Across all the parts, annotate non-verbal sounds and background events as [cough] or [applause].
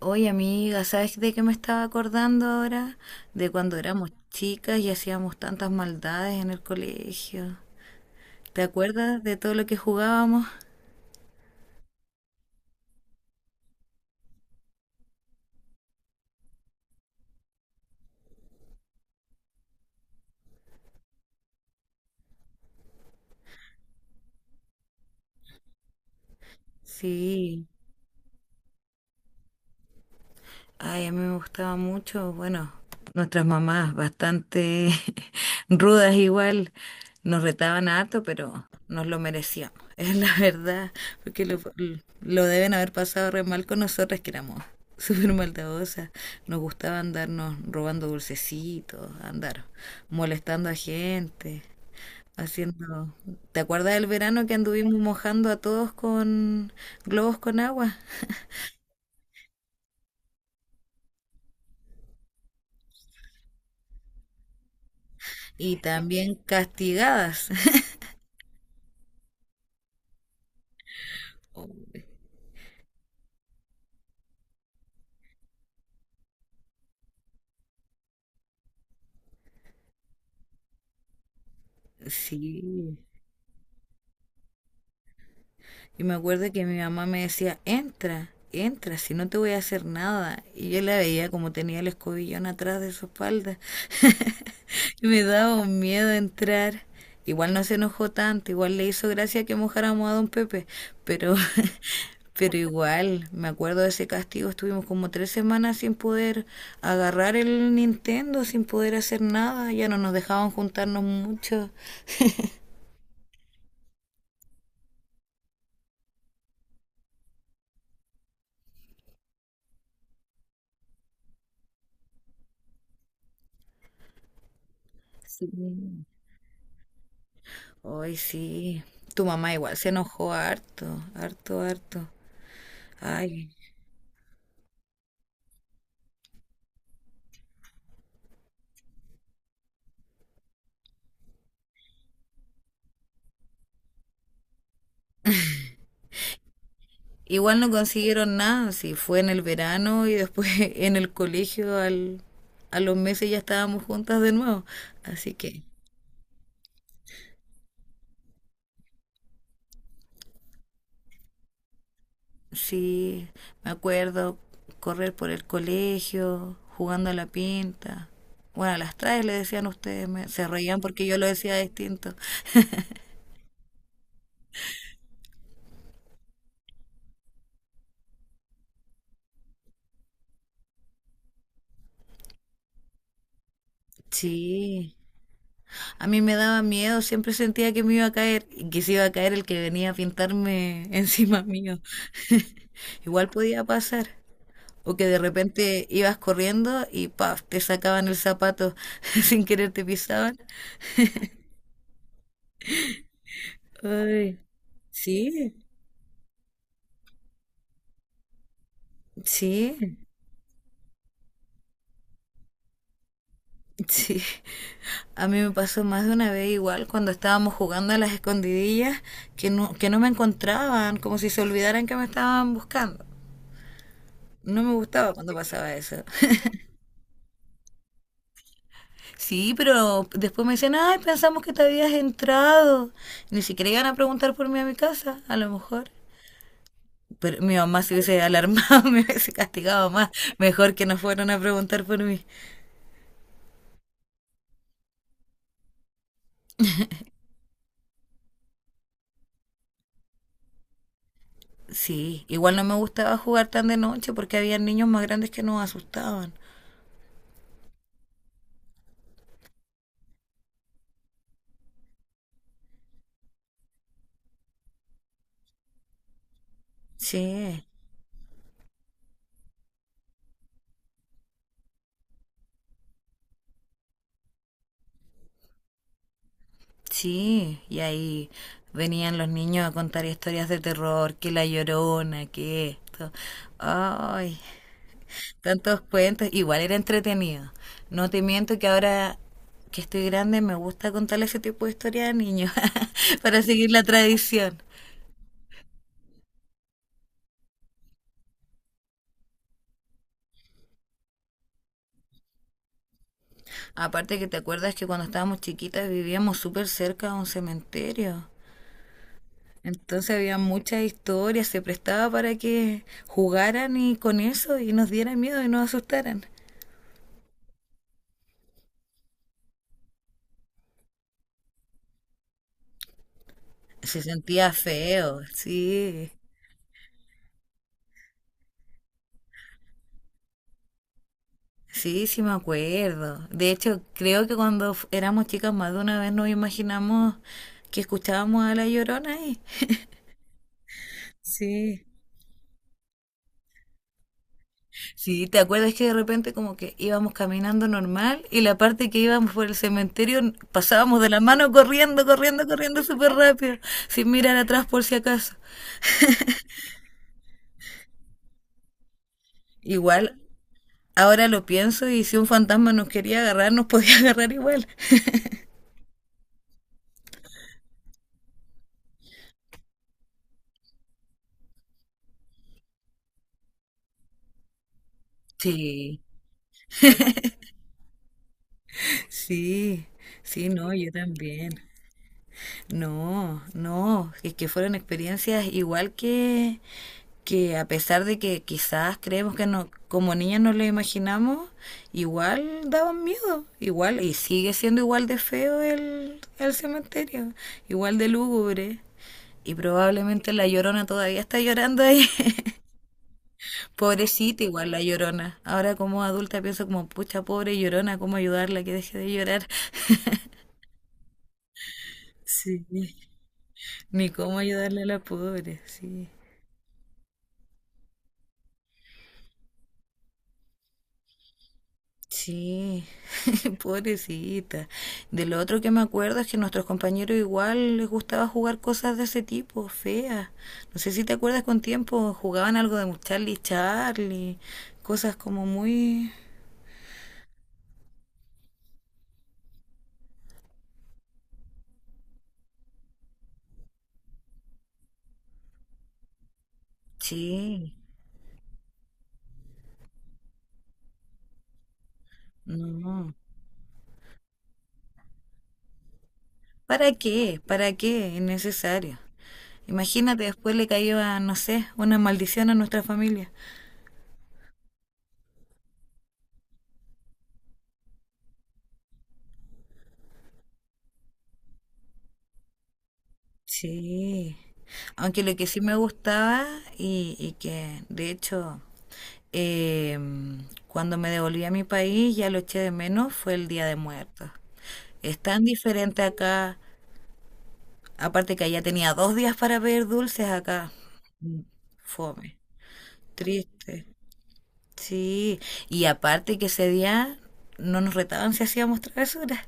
Oye, amiga, ¿sabes de qué me estaba acordando ahora? De cuando éramos chicas y hacíamos tantas maldades en el colegio. ¿Te acuerdas de todo lo que jugábamos? Sí. Ay, a mí me gustaba mucho, bueno, nuestras mamás bastante [laughs] rudas igual, nos retaban harto, pero nos lo merecíamos, [laughs] es la verdad, porque lo deben haber pasado re mal con nosotras que éramos súper maldadosas, nos gustaba andarnos robando dulcecitos, andar molestando a gente, haciendo... ¿Te acuerdas del verano que anduvimos mojando a todos con globos con agua? Y también castigadas. [laughs] Sí, y me acuerdo que mi mamá me decía, entra, entra, si no te voy a hacer nada. Y yo la veía como tenía el escobillón atrás de su espalda. [laughs] Y me daba un miedo entrar. Igual no se enojó tanto, igual le hizo gracia que mojáramos a don Pepe, pero, [laughs] pero igual, me acuerdo de ese castigo, estuvimos como 3 semanas sin poder agarrar el Nintendo, sin poder hacer nada, ya no nos dejaban juntarnos mucho. Sí. Hoy sí. Tu mamá igual se enojó harto, harto, harto. Ay. Igual no consiguieron nada, sí, fue en el verano y después [laughs] en el colegio a los meses ya estábamos juntas de nuevo. Así que sí, me acuerdo correr por el colegio, jugando a la pinta. Bueno, a las traes le decían ustedes, se reían porque yo lo decía distinto. [laughs] Sí. A mí me daba miedo, siempre sentía que me iba a caer y que se iba a caer el que venía a pintarme [laughs] encima mío. [laughs] Igual podía pasar. O que de repente ibas corriendo y ¡paf! Te sacaban el zapato [laughs] sin querer te pisaban. Ay, sí, sí, sí. A mí me pasó más de una vez igual cuando estábamos jugando a las escondidillas que no me encontraban, como si se olvidaran que me estaban buscando. No me gustaba cuando pasaba eso. [laughs] Sí, pero después me dicen, ay, pensamos que te habías entrado. Ni siquiera iban a preguntar por mí a mi casa, a lo mejor. Pero mi mamá se hubiese alarmado, [laughs] me hubiese castigado más. Mejor que no fueran a preguntar por mí. Sí, igual no me gustaba jugar tan de noche porque había niños más grandes que nos asustaban. Sí, sí. Y ahí venían los niños a contar historias de terror, que la Llorona, que esto. Ay, tantos cuentos, igual era entretenido. No te miento que ahora que estoy grande me gusta contar ese tipo de historias a niños [laughs] para seguir la tradición. Aparte que te acuerdas que cuando estábamos chiquitas vivíamos súper cerca de un cementerio. Entonces había muchas historias, se prestaba para que jugaran y con eso y nos dieran miedo y nos asustaran. Se sentía feo, sí. Sí, sí me acuerdo. De hecho, creo que cuando éramos chicas más de una vez nos imaginamos que escuchábamos a La Llorona ahí. [laughs] Sí. Sí, ¿te acuerdas que de repente como que íbamos caminando normal y la parte que íbamos por el cementerio pasábamos de la mano corriendo, corriendo, corriendo súper rápido, sin mirar atrás por si acaso? [laughs] Igual, ahora lo pienso y si un fantasma nos quería agarrar, nos podía agarrar igual. [laughs] Sí, sí, sí, no, yo también. No, no, es que fueron experiencias igual que a pesar de que quizás creemos que no, como niñas no lo imaginamos, igual daban miedo, igual, y sigue siendo igual de feo el cementerio, igual de lúgubre. Y probablemente la Llorona todavía está llorando ahí. [laughs] Pobrecita igual la Llorona. Ahora como adulta pienso como, pucha, pobre Llorona, ¿cómo ayudarla que deje de llorar? [laughs] Sí. Ni cómo ayudarle a la pobre, sí. Sí, [laughs] pobrecita. De lo otro que me acuerdo es que a nuestros compañeros igual les gustaba jugar cosas de ese tipo, feas. No sé si te acuerdas con tiempo, jugaban algo de Charlie Charlie, cosas como muy... Sí, no. ¿Para qué? ¿Para qué? Innecesario. Imagínate, después le caía, no sé, una maldición a nuestra familia. Sí, aunque lo que sí me gustaba y que de hecho eh, cuando me devolví a mi país ya lo eché de menos fue el Día de Muertos. Es tan diferente acá, aparte que allá tenía 2 días para pedir dulces, acá fome, triste. Sí, y aparte que ese día no nos retaban si hacíamos travesuras.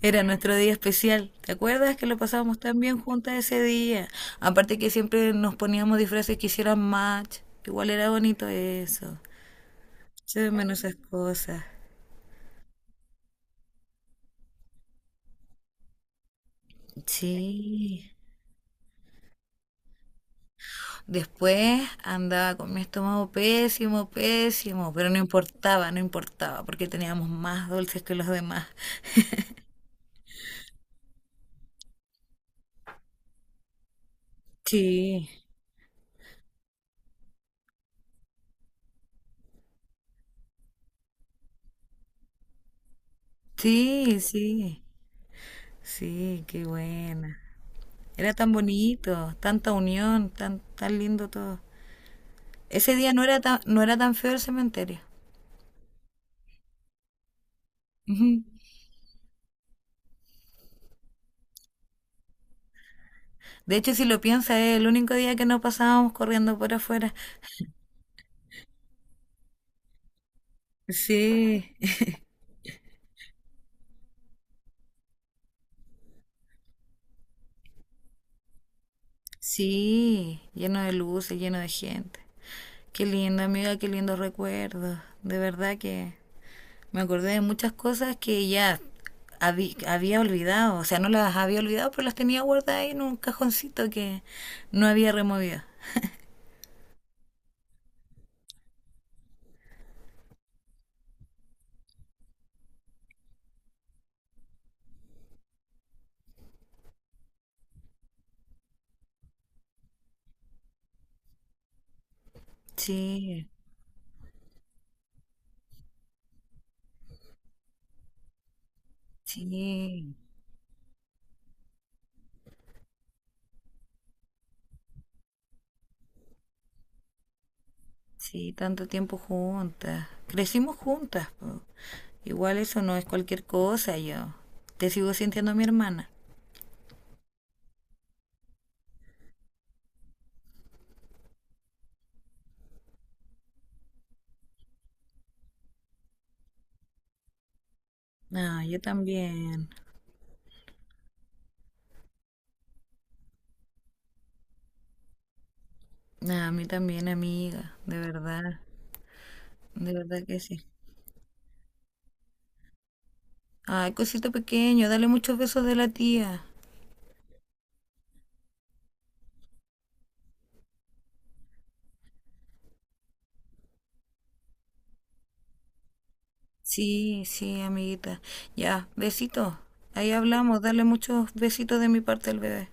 Era nuestro día especial. ¿Te acuerdas que lo pasábamos tan bien juntas ese día? Aparte que siempre nos poníamos disfraces que hicieran match. Igual era bonito eso. Se de menos esas cosas. Sí. Después andaba con mi estómago pésimo, pésimo, pero no importaba, no importaba, porque teníamos más dulces que los demás. Sí, sí, sí, sí, qué buena. Era tan bonito, tanta unión, tan, tan lindo todo. Ese día no era tan, no era tan feo el cementerio. Ujú. De hecho, si lo piensas, es el único día que no pasábamos corriendo por afuera. Sí. [laughs] Sí, lleno de luces, lleno de gente. Qué lindo, amiga, qué lindos recuerdos. De verdad que me acordé de muchas cosas que ya había olvidado. O sea, no las había olvidado, pero las tenía guardadas ahí en un cajoncito que no había removido. Sí, sí. Sí, tanto tiempo juntas. Crecimos juntas. Po. Igual eso no es cualquier cosa, yo. Te sigo sintiendo mi hermana. Ah, yo también. Ah, a mí también, amiga. De verdad. De verdad que sí. Ay, cosito pequeño, dale muchos besos de la tía. Sí, sí, amiguita. Ya, besitos. Ahí hablamos, dale muchos besitos de mi parte al bebé.